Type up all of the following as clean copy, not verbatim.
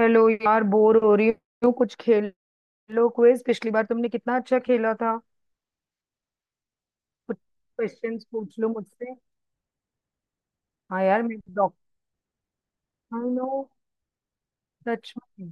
Hello यार, bore हो रही हूँ। कुछ खेल लो, क्विज। पिछली बार तुमने कितना अच्छा खेला था। कुछ क्वेश्चंस पूछ लो मुझसे। हाँ यार, मैं डॉक्टर नो। सच में।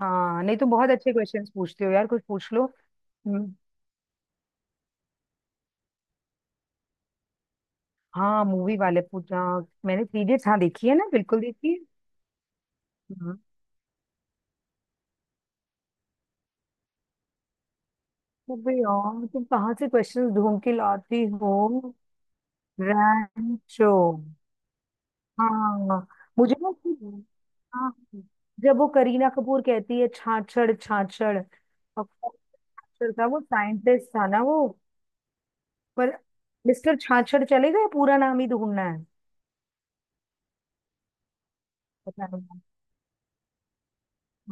हाँ नहीं, तुम बहुत अच्छे क्वेश्चंस पूछते हो यार, कुछ पूछ लो। हम्म, हाँ। मूवी वाले पूछा, मैंने थ्री इडियट्स हाँ देखी है ना, बिल्कुल देखी है। हाँ। अबे यार, तुम कहाँ से क्वेश्चंस ढूंढ के लाती हो? रैंचो। हाँ मुझे ना हाँ, जब वो करीना कपूर कहती है छाछड़ छाछड़, और कौन छाछड़ था? वो साइंटिस्ट था ना वो। पर मिस्टर छाछड़ चले गए, पूरा नाम ही ढूंढना है। पता नहीं।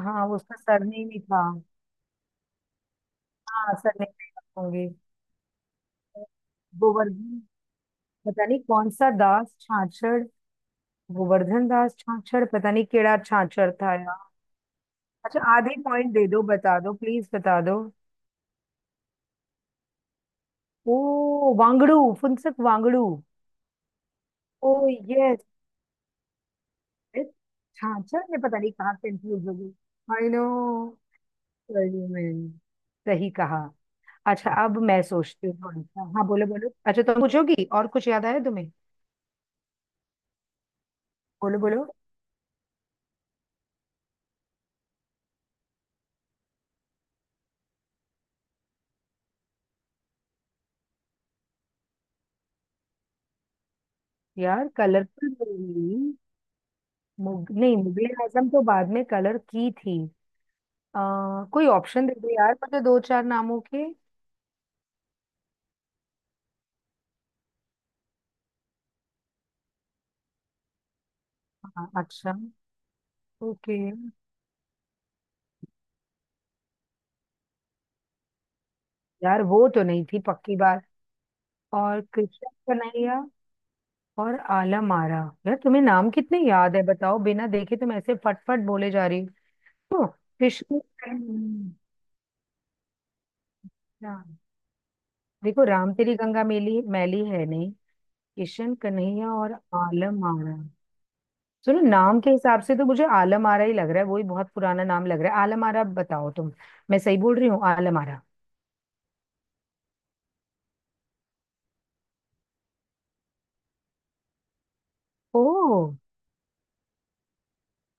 हाँ, वो उसका सरनेम ही था। हाँ सरनेम होंगे। गोवर्धन, पता नहीं कौन सा दास छाछड़। गोवर्धन दास छाछड़, पता नहीं केड़ा छाछड़ था यार। अच्छा, आधे पॉइंट दे दो, बता दो प्लीज, बता दो। ओ वांगड़ू, फुनसुक वांगड़ू। ओ यस। छाछड़ में पता नहीं कहाँ कंफ्यूज हो गई। आई नो, सही में। सही कहा। अच्छा, अब मैं सोचती हूँ थोड़ा सा। हाँ बोलो बोलो। अच्छा, तुम पूछोगी? और कुछ याद आया तुम्हें? बोलो बोलो। यार कलरफुल मूवी? नहीं, मुगले आजम तो बाद में कलर की थी। कोई ऑप्शन दे दो यार मुझे, दो चार नामों के। हाँ अच्छा। ओके। यार वो तो नहीं थी, पक्की बात। और कृष्णा कन्हैया और आलम आरा। यार तुम्हें नाम कितने याद है, बताओ। बिना देखे तुम ऐसे फटफट बोले जा रही हो। हाँ, कृष्ण कन्हैया। देखो राम तेरी गंगा मेली, मैली है नहीं। किशन कन्हैया और आलम आरा। सुनो, नाम के हिसाब से तो मुझे आलम आरा ही लग रहा है, वही बहुत पुराना नाम लग रहा है आलम आरा। बताओ तुम। मैं सही बोल रही हूँ आलम आरा। ओ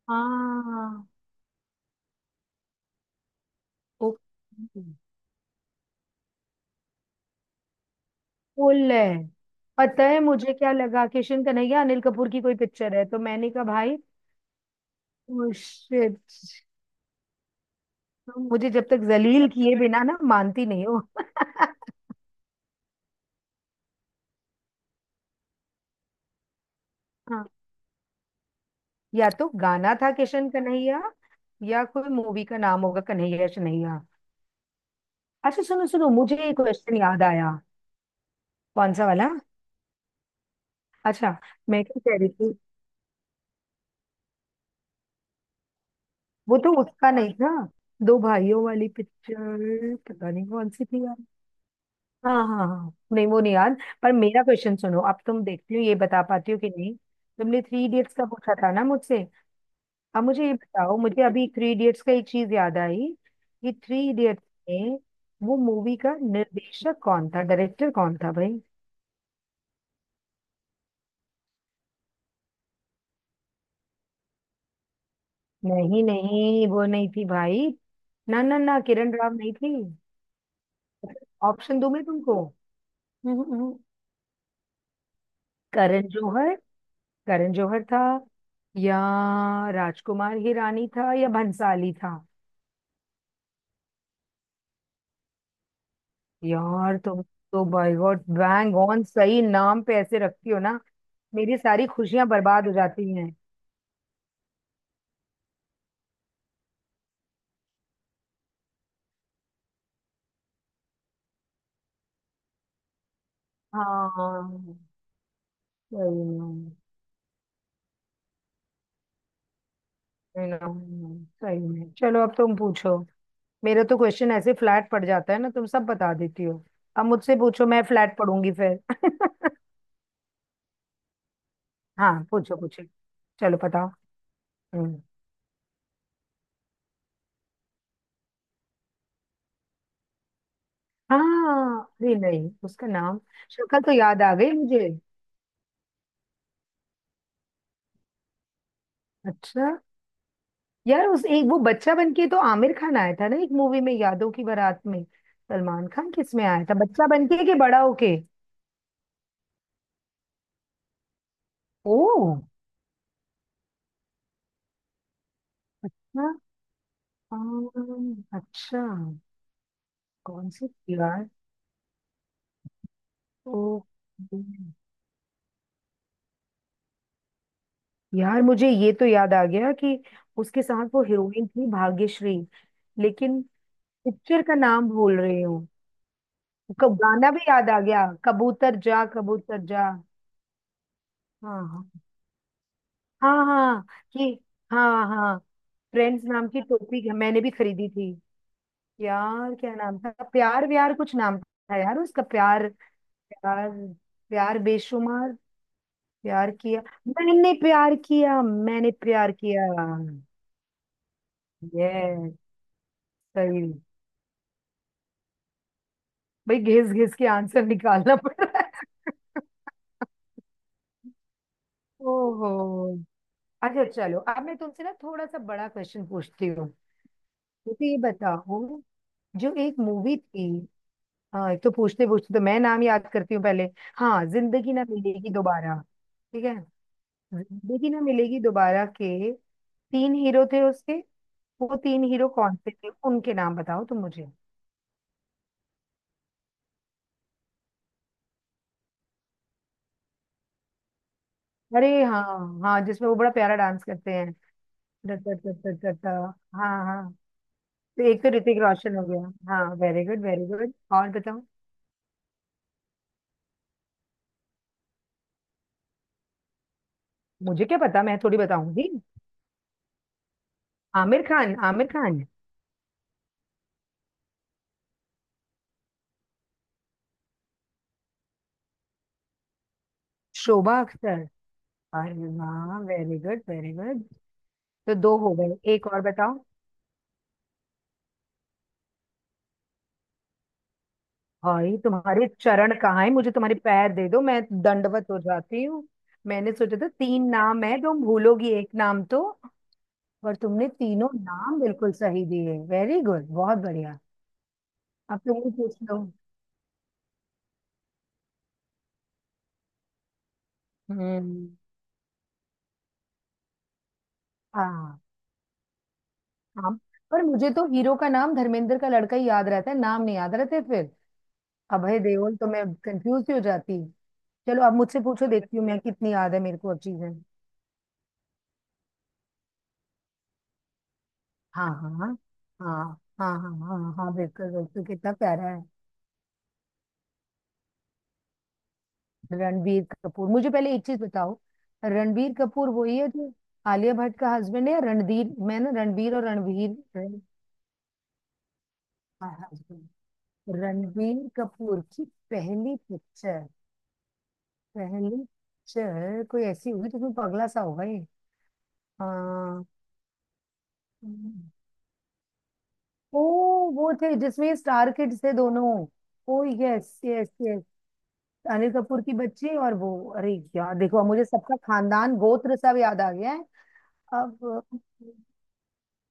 हाँ। ओके, बोल रहे हैं। पता है मुझे क्या लगा? किशन कन्हैया अनिल कपूर की कोई पिक्चर है, तो मैंने कहा भाई। Oh shit. तुम मुझे जब तक जलील किए बिना ना मानती नहीं हो। हाँ। या तो गाना था किशन कन्हैया, या कोई मूवी का नाम होगा कन्हैया कन्हैया। अच्छा सुनो सुनो, मुझे एक क्वेश्चन याद आया। कौन सा वाला? अच्छा, मैं क्या कह रही थी? वो तो उसका नहीं था, दो भाइयों वाली पिक्चर, पता नहीं कौन सी थी यार। हाँ हाँ हाँ, नहीं वो नहीं याद। पर मेरा क्वेश्चन सुनो, अब तुम देखती हो ये, बता पाती हो कि नहीं। तुमने थ्री इडियट्स का पूछा था ना मुझसे। अब मुझे ये बताओ, मुझे अभी थ्री इडियट्स का एक चीज याद आई कि थ्री इडियट्स में वो मूवी का निर्देशक कौन था? डायरेक्टर कौन था भाई? नहीं नहीं, वो नहीं थी भाई। ना ना ना, किरण राव नहीं थी। ऑप्शन दूं मैं तुमको? हम्म, हम्म। करण जौहर। करण जौहर था, या राजकुमार हिरानी था, या भंसाली था? यार तुम तो बाय गॉड बैंग ऑन सही नाम पे ऐसे रखती हो ना, मेरी सारी खुशियां बर्बाद हो जाती हैं। हाँ सही में। यू नो सही में, चलो अब तुम पूछो। मेरा तो क्वेश्चन ऐसे फ्लैट पड़ जाता है ना, तुम सब बता देती हो। अब मुझसे पूछो, मैं फ्लैट पढ़ूंगी फिर। हाँ पूछो पूछो। चलो बताओ। हम्म हाँ, अरे नहीं उसका नाम, शक्ल तो याद आ गई मुझे। अच्छा। यार उस एक वो बच्चा बन के तो आमिर खान आया था ना, एक मूवी में, यादों की बारात में। सलमान खान किस में आया था, बच्चा बन के कि बड़ा होके? ओ अच्छा। कौन सी यार? ओ यार, मुझे ये तो याद आ गया कि उसके साथ वो हीरोइन थी भाग्यश्री। लेकिन पिक्चर का नाम भूल रही हूँ। कब गाना भी याद आ गया, कबूतर जा कबूतर जा। हाँ हाँ हाँ हाँ कि हाँ हाँ। फ्रेंड्स नाम की टोपी मैंने भी खरीदी थी। यार क्या नाम था, प्यार व्यार कुछ नाम था यार उसका प्यार। प्यार, प्यार बेशुमार, प्यार किया, मैंने प्यार किया, मैंने प्यार किया। ये सही। भाई घिस घिस के आंसर निकालना पड़ रहा है। ओहो। अच्छा चलो, अब मैं तुमसे ना थोड़ा सा बड़ा क्वेश्चन पूछती हूँ। मुझे ये बताओ, जो एक मूवी थी, हाँ एक तो, पूछते पूछते तो मैं नाम याद करती हूँ पहले। हाँ, जिंदगी ना मिलेगी दोबारा। ठीक है, जिंदगी ना मिलेगी दोबारा के तीन हीरो थे उसके। वो तीन हीरो कौन से थे, उनके नाम बताओ तुम मुझे। अरे हाँ, हाँ जिसमें वो बड़ा प्यारा डांस करते हैं। ट- ट- ट- ट- ट- ट- हाँ हाँ। तो एक तो ऋतिक रोशन हो गया। हाँ वेरी गुड वेरी गुड, और बताओ? मुझे क्या पता, मैं थोड़ी बताऊंगी। आमिर खान? आमिर खान? शोभा अख्तर? अरे वाह, वेरी गुड वेरी गुड। तो दो हो गए, एक और बताओ। भाई तुम्हारे चरण कहाँ है? मुझे तुम्हारे पैर दे दो, मैं दंडवत हो जाती हूँ। मैंने सोचा था तीन नाम है, तुम भूलोगी एक नाम तो, और तुमने तीनों नाम बिल्कुल सही दिए। वेरी गुड, बहुत बढ़िया। आप तो मुझे पूछ लो। हम्म हाँ हाँ, पर मुझे तो हीरो का नाम धर्मेंद्र का लड़का ही याद रहता है, नाम नहीं याद रहते फिर। अभय देओल तो मैं कंफ्यूज ही हो जाती। चलो आप मुझसे पूछो, देखती हूँ मैं कितनी याद है मेरे को अब चीजें। हाँ हाँ हाँ हाँ हाँ हाँ हाँ हाँ, बिल्कुल बिल्कुल, कितना प्यारा है। रणबीर कपूर, मुझे पहले एक चीज बताओ। रणबीर कपूर वही है जो आलिया भट्ट का हस्बैंड है, या रणधीर? मैं ना रणबीर और रणबीर रण- हाँ, husband। रणबीर कपूर की पहली पिक्चर, पहली पिक्चर कोई ऐसी होगी जिसमें पगला सा होगा ये। हाँ। हम्म। ओ वो थे जिसमें स्टार किड्स थे दोनों। Oh yes yes yes. Anil Kapoor की बच्ची और वो। अरे यार देखो, अब मुझे सबका खानदान गोत्र सब याद आ गया है। अब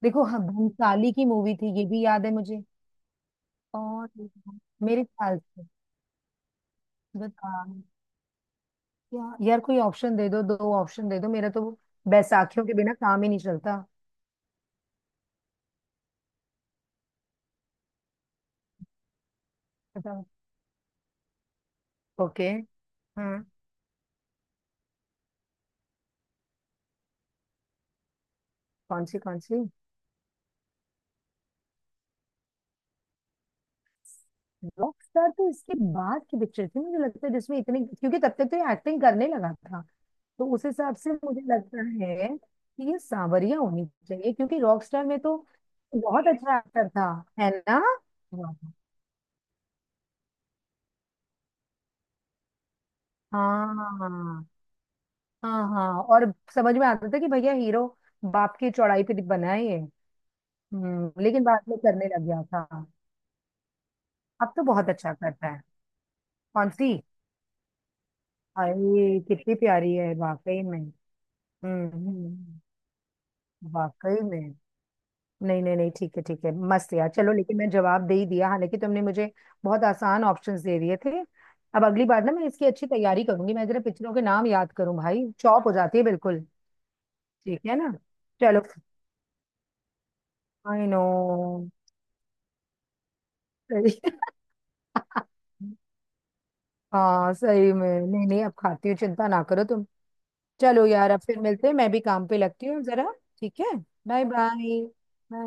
देखो, हाँ, भंसाली की मूवी थी ये भी याद है मुझे। और मेरे ख्याल से बता। क्या यार, कोई ऑप्शन दे दो, दो ऑप्शन दे दो, मेरा तो बैसाखियों के बिना काम ही नहीं चलता। बताओ। ओके। कौन सी कौन सी? रॉकस्टार तो इसके बाद की पिक्चर थी मुझे लगता है, जिसमें इतने, क्योंकि तब तक तो ये एक्टिंग करने लगा था। तो उस हिसाब से मुझे लगता है कि ये सांवरिया होनी चाहिए, क्योंकि रॉकस्टार में तो बहुत अच्छा एक्टर था, है ना? वाह। हाँ हाँ हाँ, और समझ में आता था कि भैया हीरो बाप की चौड़ाई पे बना है ये। लेकिन बाद में करने लग गया था। अब तो बहुत अच्छा करता है। कौन सी? अरे कितनी प्यारी है वाकई में। हम्म हम्म, वाकई में। नहीं नहीं नहीं, ठीक है ठीक है, मस्त यार। चलो, लेकिन मैं जवाब दे ही दिया, हालांकि तुमने मुझे बहुत आसान ऑप्शंस दे दिए थे। अब अगली बार ना मैं इसकी अच्छी तैयारी करूंगी, मैं जरा पिक्चरों के नाम याद करूं, भाई चौप हो जाती है बिल्कुल। ठीक है ना? चलो। आई नो, सही। हाँ सही में, नहीं नहीं, अब खाती हूँ, चिंता ना करो तुम। चलो यार, अब फिर मिलते हैं, मैं भी काम पे लगती हूँ जरा। ठीक है, बाय बाय। बाय।